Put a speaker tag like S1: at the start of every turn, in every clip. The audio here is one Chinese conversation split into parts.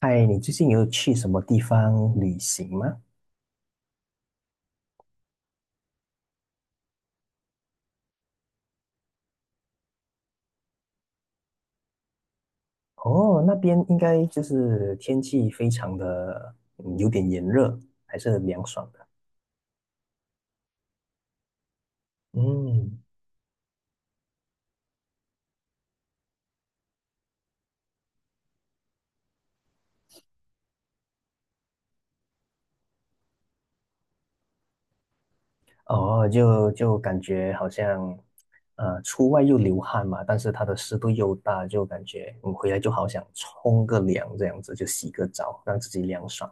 S1: 嗨，你最近有去什么地方旅行吗？哦，那边应该就是天气非常的，有点炎热，还是很凉爽的。嗯。哦，就感觉好像，出外又流汗嘛，但是它的湿度又大，就感觉你回来就好想冲个凉，这样子就洗个澡，让自己凉爽。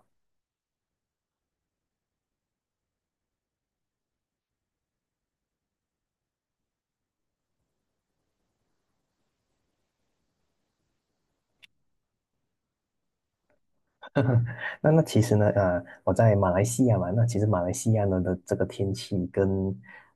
S1: 那其实呢，我在马来西亚嘛，那其实马来西亚呢的这个天气跟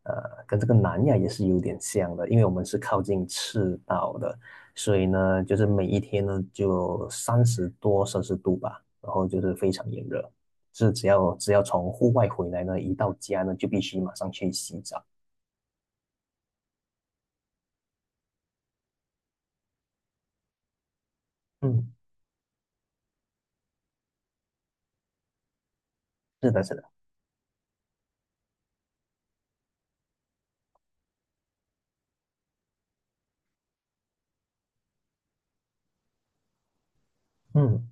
S1: 呃跟这个南亚也是有点像的，因为我们是靠近赤道的，所以呢，就是每一天呢就30多摄氏度吧，然后就是非常炎热，是只要从户外回来呢，一到家呢就必须马上去洗澡。嗯，是的，是的。嗯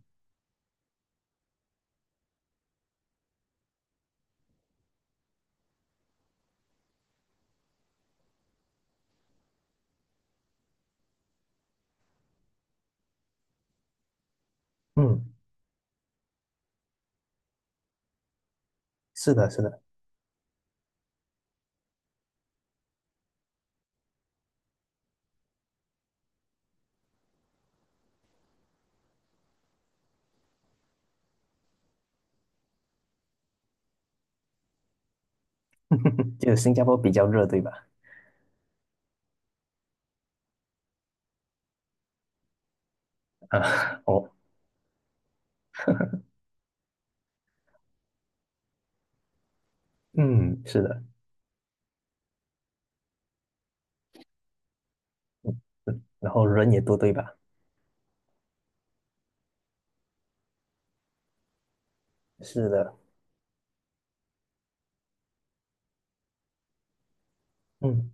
S1: 嗯，是的，是的。就新加坡比较热，对吧？啊，哦。嗯，是的，然后人也多，对吧？是的。嗯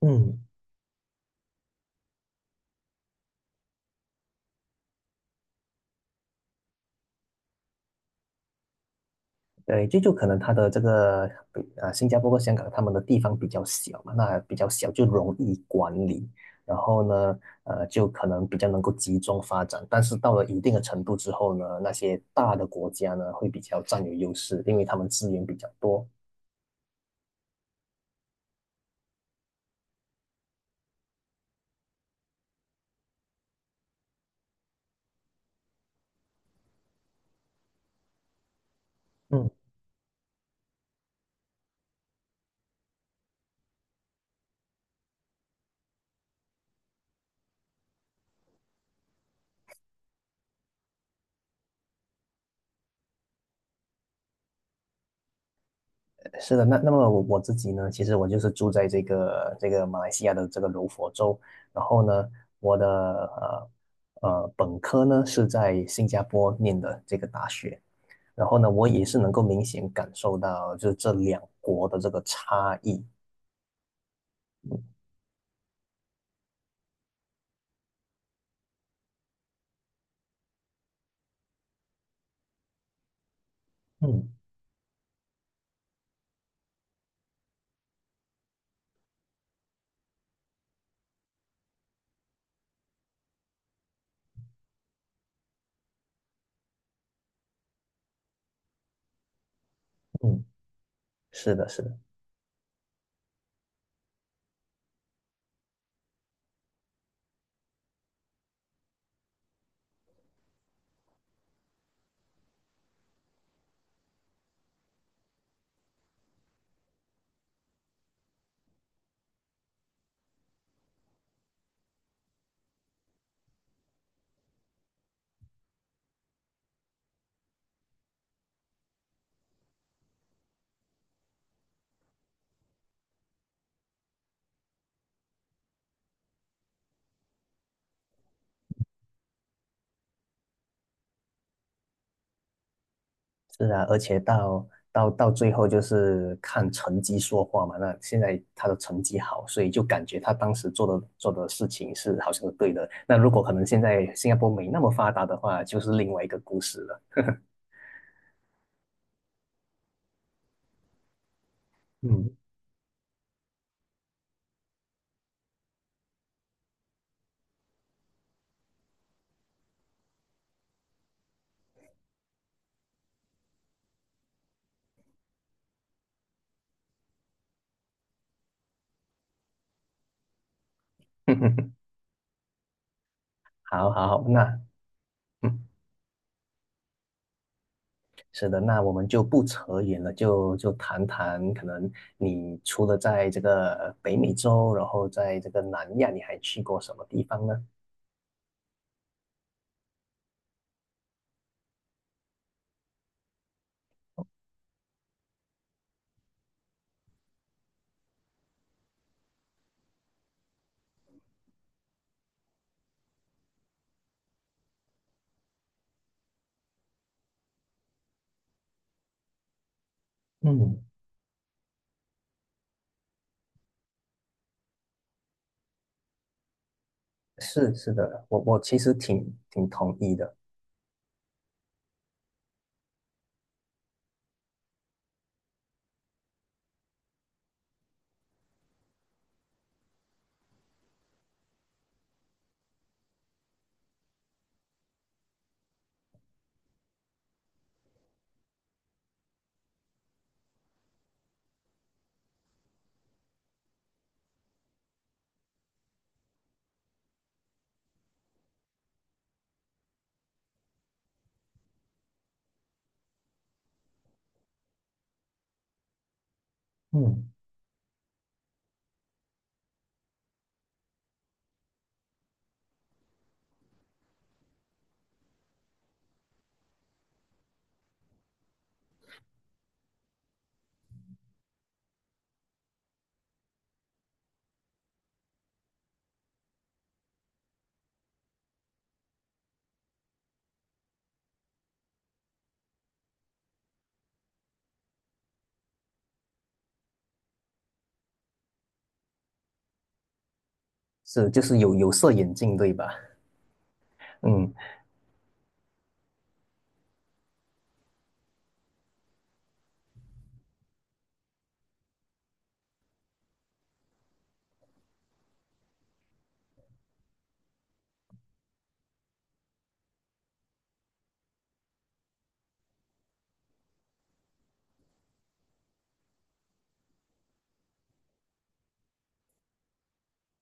S1: 嗯，对，就可能它的这个比啊，新加坡和香港他们的地方比较小嘛，那比较小就容易管理，然后呢，就可能比较能够集中发展。但是到了一定的程度之后呢，那些大的国家呢会比较占有优势，因为他们资源比较多。嗯。是的，那么我自己呢，其实我就是住在这个马来西亚的这个柔佛州，然后呢，我的本科呢是在新加坡念的这个大学，然后呢，我也是能够明显感受到就是这两国的这个差异。嗯嗯，是的，是的。是啊，而且到最后就是看成绩说话嘛。那现在他的成绩好，所以就感觉他当时做的事情是好像是对的。那如果可能现在新加坡没那么发达的话，就是另外一个故事了。嗯。好好好。那嗯，是的，那我们就不扯远了，就谈谈可能你除了在这个北美洲，然后在这个南亚，你还去过什么地方呢？嗯，是的，我其实挺同意的。嗯，是，就是有色眼镜，对吧？嗯，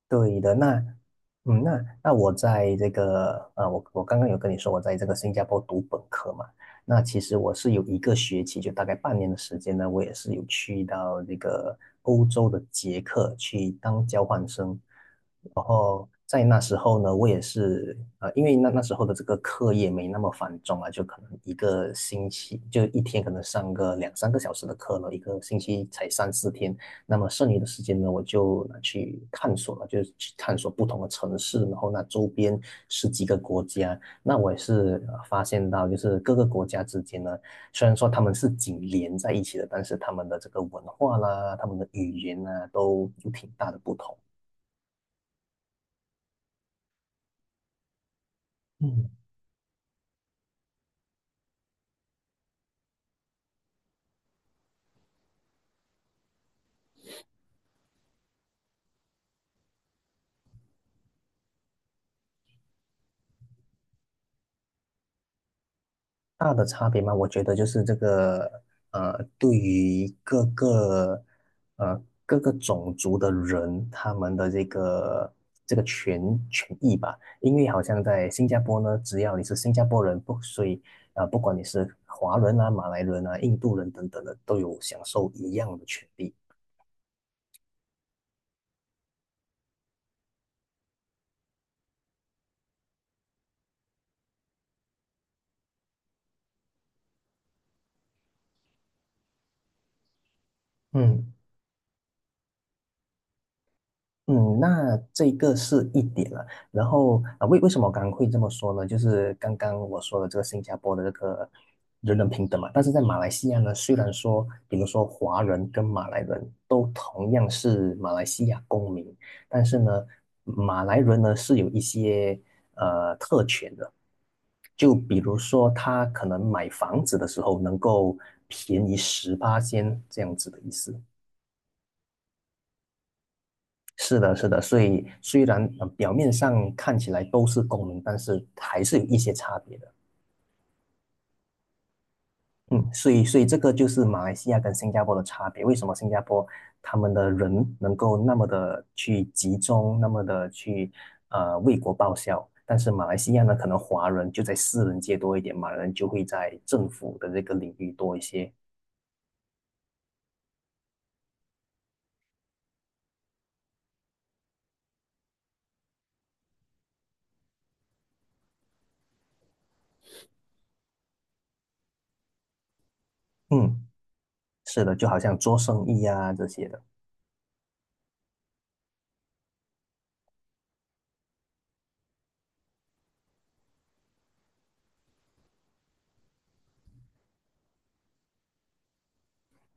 S1: 对的。那，嗯，那我在这个，我刚刚有跟你说，我在这个新加坡读本科嘛，那其实我是有一个学期，就大概半年的时间呢，我也是有去到这个欧洲的捷克去当交换生，然后在那时候呢，我也是，因为那时候的这个课业没那么繁重啊，就可能一个星期，就一天可能上个2、3个小时的课了，一个星期才3、4天。那么剩余的时间呢，我就去探索了，就是去探索不同的城市，然后那周边十几个国家。那我也是发现到，就是各个国家之间呢，虽然说他们是紧连在一起的，但是他们的这个文化啦，他们的语言啊，都有挺大的不同。嗯。大的差别吗？我觉得就是这个，对于各个种族的人，他们的这个权益吧，因为好像在新加坡呢，只要你是新加坡人，不，所以啊，不管你是华人啊、马来人啊、印度人等等的，都有享受一样的权利。嗯。嗯，那这个是一点了。然后啊，为什么我刚刚会这么说呢？就是刚刚我说的这个新加坡的这个人人平等嘛，但是在马来西亚呢，虽然说，比如说华人跟马来人都同样是马来西亚公民，但是呢，马来人呢是有一些特权的，就比如说他可能买房子的时候能够便宜18,000这样子的意思。是的，是的，所以虽然表面上看起来都是公民，但是还是有一些差别的。嗯，所以这个就是马来西亚跟新加坡的差别。为什么新加坡他们的人能够那么的去集中，那么的去为国报效？但是马来西亚呢，可能华人就在私人界多一点，马来人就会在政府的这个领域多一些。嗯，是的，就好像做生意啊这些的。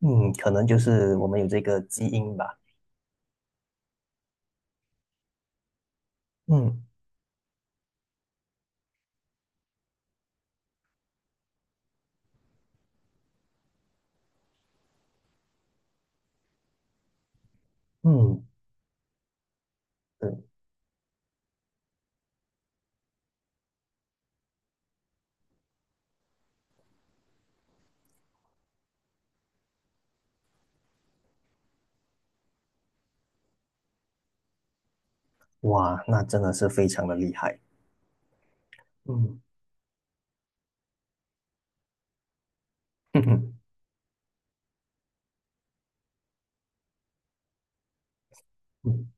S1: 嗯，可能就是我们有这个基因吧。嗯嗯。嗯哇，那真的是非常的厉害。嗯 嗯哼。嗯。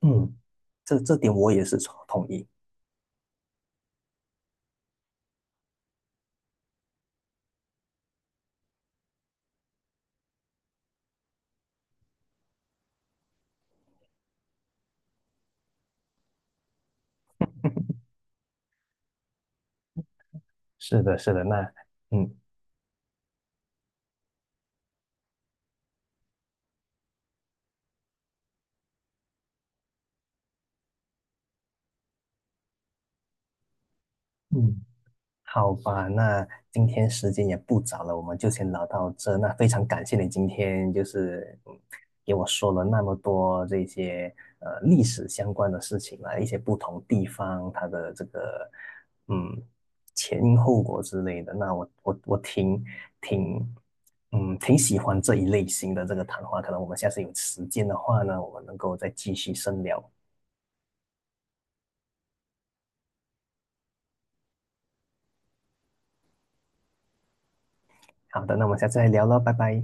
S1: 嗯，这点我也是同意。是的，是的，那嗯。嗯好吧，那今天时间也不早了，我们就先聊到这。那非常感谢你今天就是给我说了那么多这些历史相关的事情啊，一些不同地方它的这个嗯前因后果之类的。那我挺挺喜欢这一类型的这个谈话，可能我们下次有时间的话呢，我们能够再继续深聊。好的，那我们下次再聊了，拜拜。